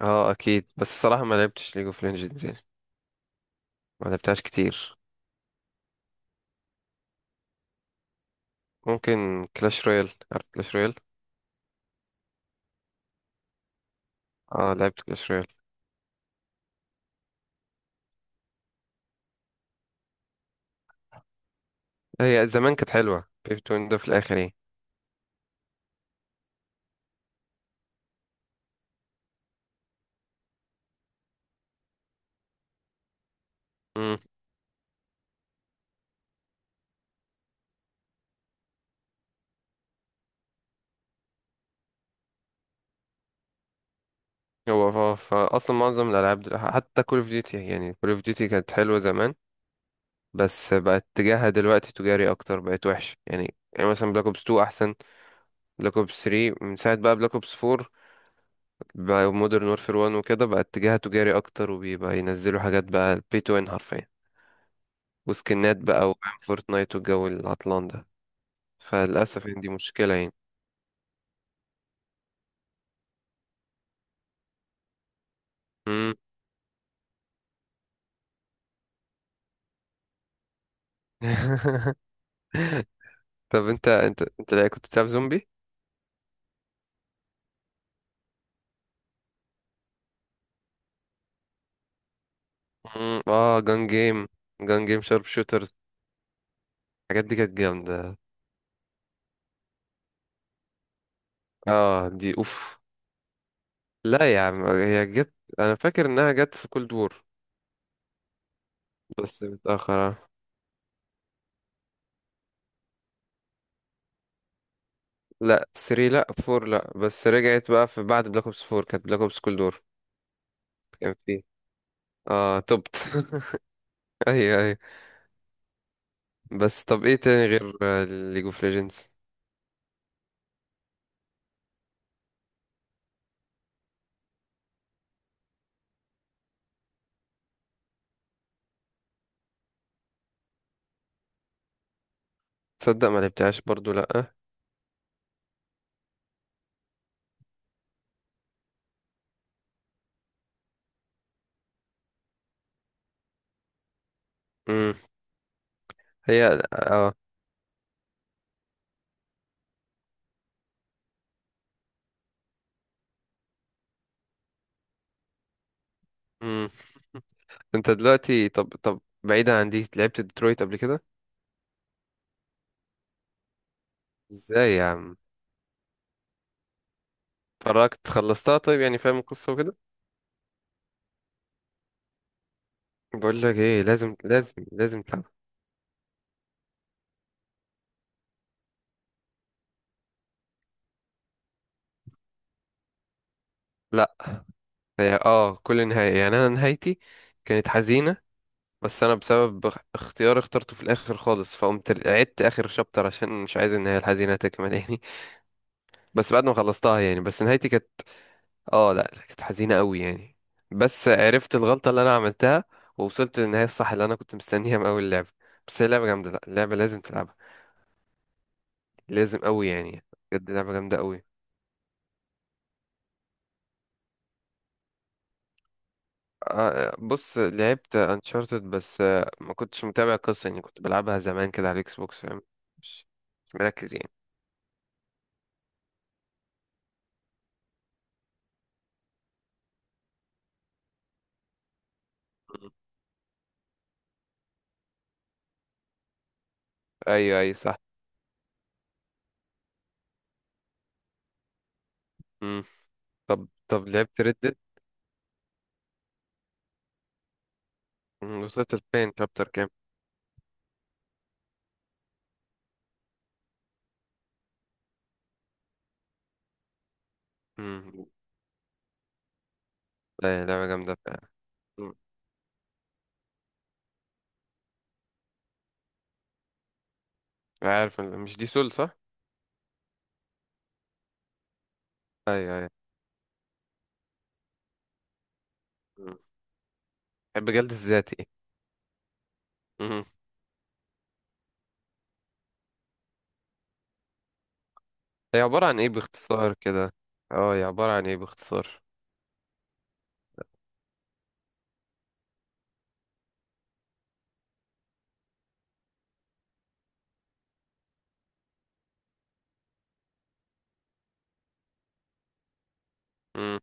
اه اكيد، بس الصراحه ما لعبتش ليج اوف ليجندز يعني. ما لعبتهاش كتير. ممكن كلاش رويال، عارف كلاش رويال؟ اه لعبت كلاش رويال. هي زمان كانت حلوه، بيفت ويندو في الاخر يعني. امم هو اصلا معظم الالعاب حتى كول اوف ديوتي، يعني كول اوف ديوتي كانت حلوه زمان، بس بقت اتجاهها دلوقتي تجاري اكتر، بقت وحشه يعني. يعني مثلا بلاك اوبس 2 احسن بلاك اوبس 3، من ساعه بقى بلاك اوبس 4 بقى مودرن وورفير 1 وكده، بقى اتجاهها تجاري اكتر، وبيبقى ينزلوا حاجات بقى بي تو ان حرفيا، وسكنات بقى وفاهم فورتنايت والجو العطلان ده. فللأسف يعني دي مشكلة يعني. مم. طب انت لا كنت بتلعب زومبي؟ اه جان جيم، جان جيم شارب شوترز. الحاجات دي كانت جامدة. اه دي اوف. لا يا عم، هي جت. انا فاكر انها جت في كولد وور، بس متأخر اه. لا 3 لا 4، لا بس رجعت بقى في بعد بلاك اوبس 4، كانت بلاك اوبس كولد وور. كان فيه اه توبت. ايوه ايوه. بس طب ايه تاني غير ليج اوف ليجندز؟ تصدق ما لعبتهاش برضو لأ. امم هي اه. امم انت دلوقتي، طب طب بعيدا عن دي، لعبت ديترويت قبل كده؟ ازاي يا عم؟ اتفرجت خلصتها طيب، يعني فاهم القصة وكده؟ بقول لك ايه، لازم لازم لازم تلعبها. لا هي اه كل نهاية، يعني انا نهايتي كانت حزينة. بس انا بسبب اختيار اخترته في الاخر خالص، فقمت عدت اخر شابتر عشان مش عايز النهاية الحزينة تكمل يعني. بس بعد ما خلصتها يعني، بس نهايتي كانت اه، لا لا، كانت حزينة قوي يعني. بس عرفت الغلطة اللي انا عملتها، ووصلت للنهاية الصح اللي انا كنت مستنيها من اول اللعبة. بس هي لعبة جامدة، لا اللعبة لازم تلعبها، لازم قوي يعني. بجد لعبة جامدة قوي. آه، بص لعبت انشارتد، بس آه، ما كنتش متابع القصة يعني، كنت بلعبها زمان كده على الاكس بوكس، فاهم؟ مش مش مركز يعني. مم. ايوه ايوه صح. مم. طب طب لعبت ردت؟ وصلت لفين، شابتر كام؟ مم. آه، لعبة جامدة فعلا. مم. عارف، مش دي سول صح؟ ايوه ايوه. الجلد الذاتي. مم. هي عبارة عن ايه باختصار كده؟ اه هي عبارة عن ايه باختصار؟ مم.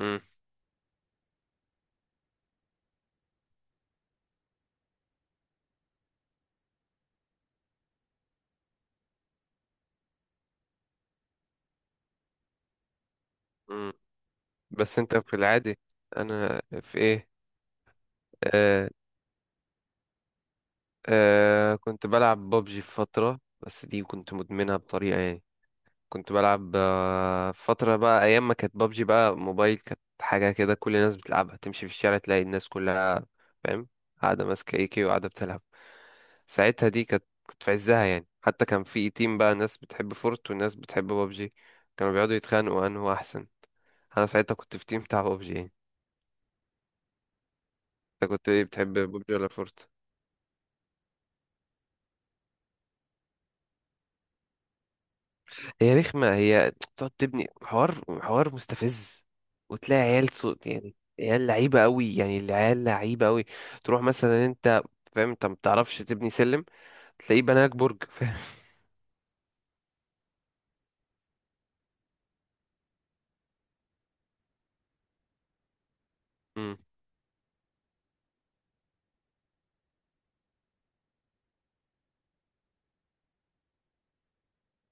مم. مم. بس انت في العادي، انا في ايه؟ آه، آه، كنت بلعب ببجي في فترة، بس دي كنت مدمنها بطريقة يعني. كنت بلعب آه، فترة بقى، أيام ما كانت بابجي بقى موبايل، كانت حاجة كده، كل الناس بتلعبها، تمشي في الشارع تلاقي الناس كلها فاهم قاعدة ماسكة ايكي وقاعدة بتلعب. ساعتها دي كانت، كانت في عزها يعني. حتى كان في تيم بقى، ناس بتحب فورت وناس بتحب بابجي، كانوا بيقعدوا يتخانقوا أنه أحسن. أنا ساعتها كنت في تيم بتاع بابجي يعني. أنت كنت ايه، بتحب بابجي ولا فورت؟ هي رخمة، هي بتقعد تبني حوار، حوار مستفز، وتلاقي عيال صوت، يعني عيال لعيبة قوي يعني، العيال لعيبة قوي. تروح مثلا انت، فاهم، انت ما بتعرفش تبني سلم، تلاقيه بناك برج فاهم. مم.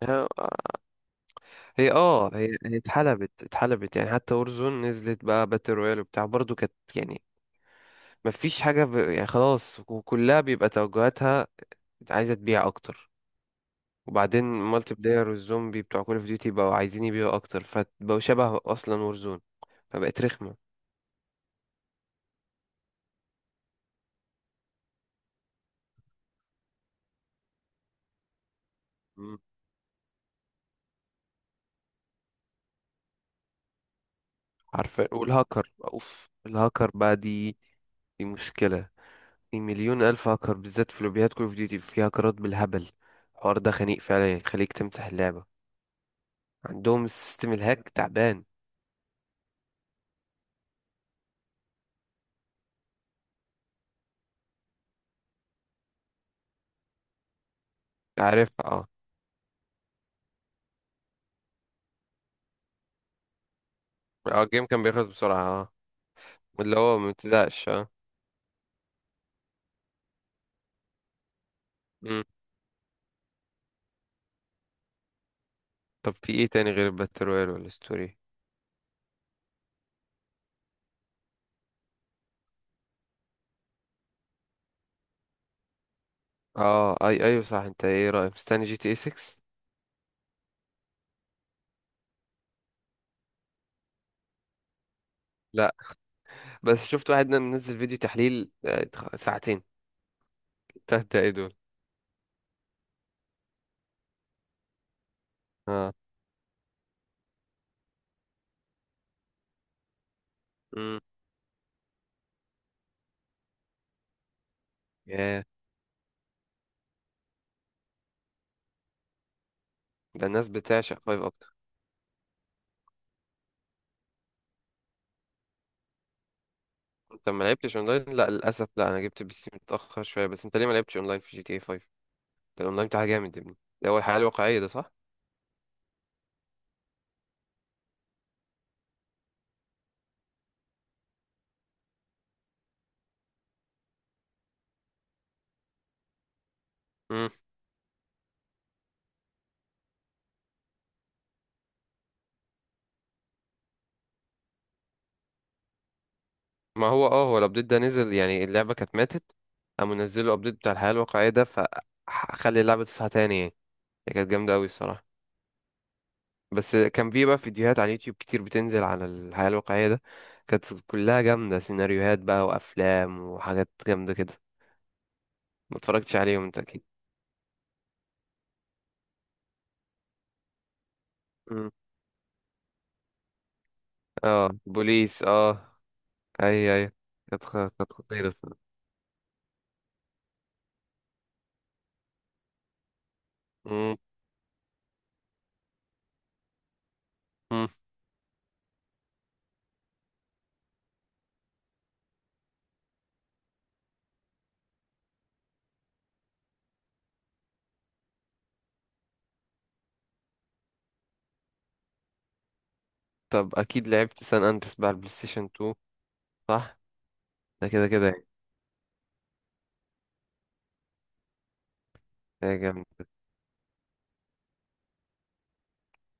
هي هي اه، هي اتحلبت، اتحلبت يعني. حتى اورزون نزلت بقى باتل رويال وبتاع برضو، كانت يعني ما فيش حاجة يعني خلاص، وكلها بيبقى توجهاتها عايزة تبيع اكتر. وبعدين مالتي بلاير والزومبي بتوع كول اوف ديوتي بقوا عايزين يبيعوا اكتر، فبقوا شبه اصلا وورزون، فبقت رخمه. مم. عارفه، والهاكر اوف الهاكر بقى دي، دي مشكله. في مليون الف هاكر، بالذات في لوبيات كول اوف ديوتي في هاكرات بالهبل. الحوار ده خنيق فعلا، يخليك تمسح اللعبه. عندهم السيستم الهاك تعبان. عارف اه. اه الجيم كان بيخلص بسرعه اه، اللي هو ما بتزهقش اه. مم. طب في ايه تاني غير الباتل رويال والستوري؟ اه اي ايوه صح. انت ايه رايك، مستني جي تي اي 6؟ لا، بس شفت واحد منزل فيديو تحليل آه، ساعتين تلات دقايق دول. اه. امم ياه، ده الناس بتعشق فايف اكتر. انت ما لعبتش اونلاين؟ لا للاسف لا، انا جبت بي سي متاخر شويه. بس انت ليه ما لعبتش اونلاين في جي تي اي 5؟ ده الاونلاين بتاعها جامد يا ابني، ده هو الحياه الواقعيه ده صح. امم ما هو اه، هو الابديت ده نزل يعني، اللعبه كانت ماتت، قاموا نزلوا الابديت بتاع الحياه الواقعيه ده، فخلي اللعبه تصحى تاني يعني. هي كانت جامده قوي الصراحه. بس كان في بقى فيديوهات على اليوتيوب كتير بتنزل عن الحياة الواقعية ده، كانت كلها جامدة، سيناريوهات بقى وأفلام وحاجات جامدة كده. ما اتفرجتش عليهم انت أكيد. مم. اه بوليس اه. أي أي. كانت خ- كانت خطيرة الصراحة. مم. مم. طب أكيد لعبت سان أندريس بقى على البلاي ستيشن 2، صح؟ ده كده كده يعني. هي جامدة.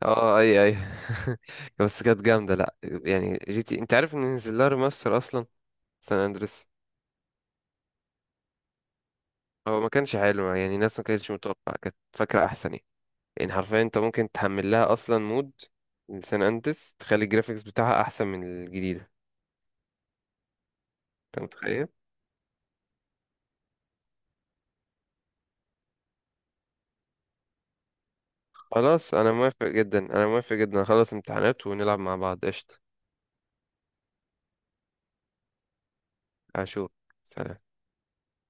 اه أي أي. بس كانت جامدة لأ يعني. جي تي أنت عارف إن نزل لها ريماستر أصلا، سان أندريس؟ هو ما كانش حلو يعني، الناس ما كانتش متوقعة، كانت فاكرة أحسن يعني. يعني حرفيا انت ممكن تحمل لها اصلا مود لسان اندريس، تخلي الجرافيكس بتاعها احسن من الجديده. انت متخيل؟ خلاص انا موافق جدا، انا موافق جدا، خلص امتحانات ونلعب مع بعض قشطه. اشوف. سلام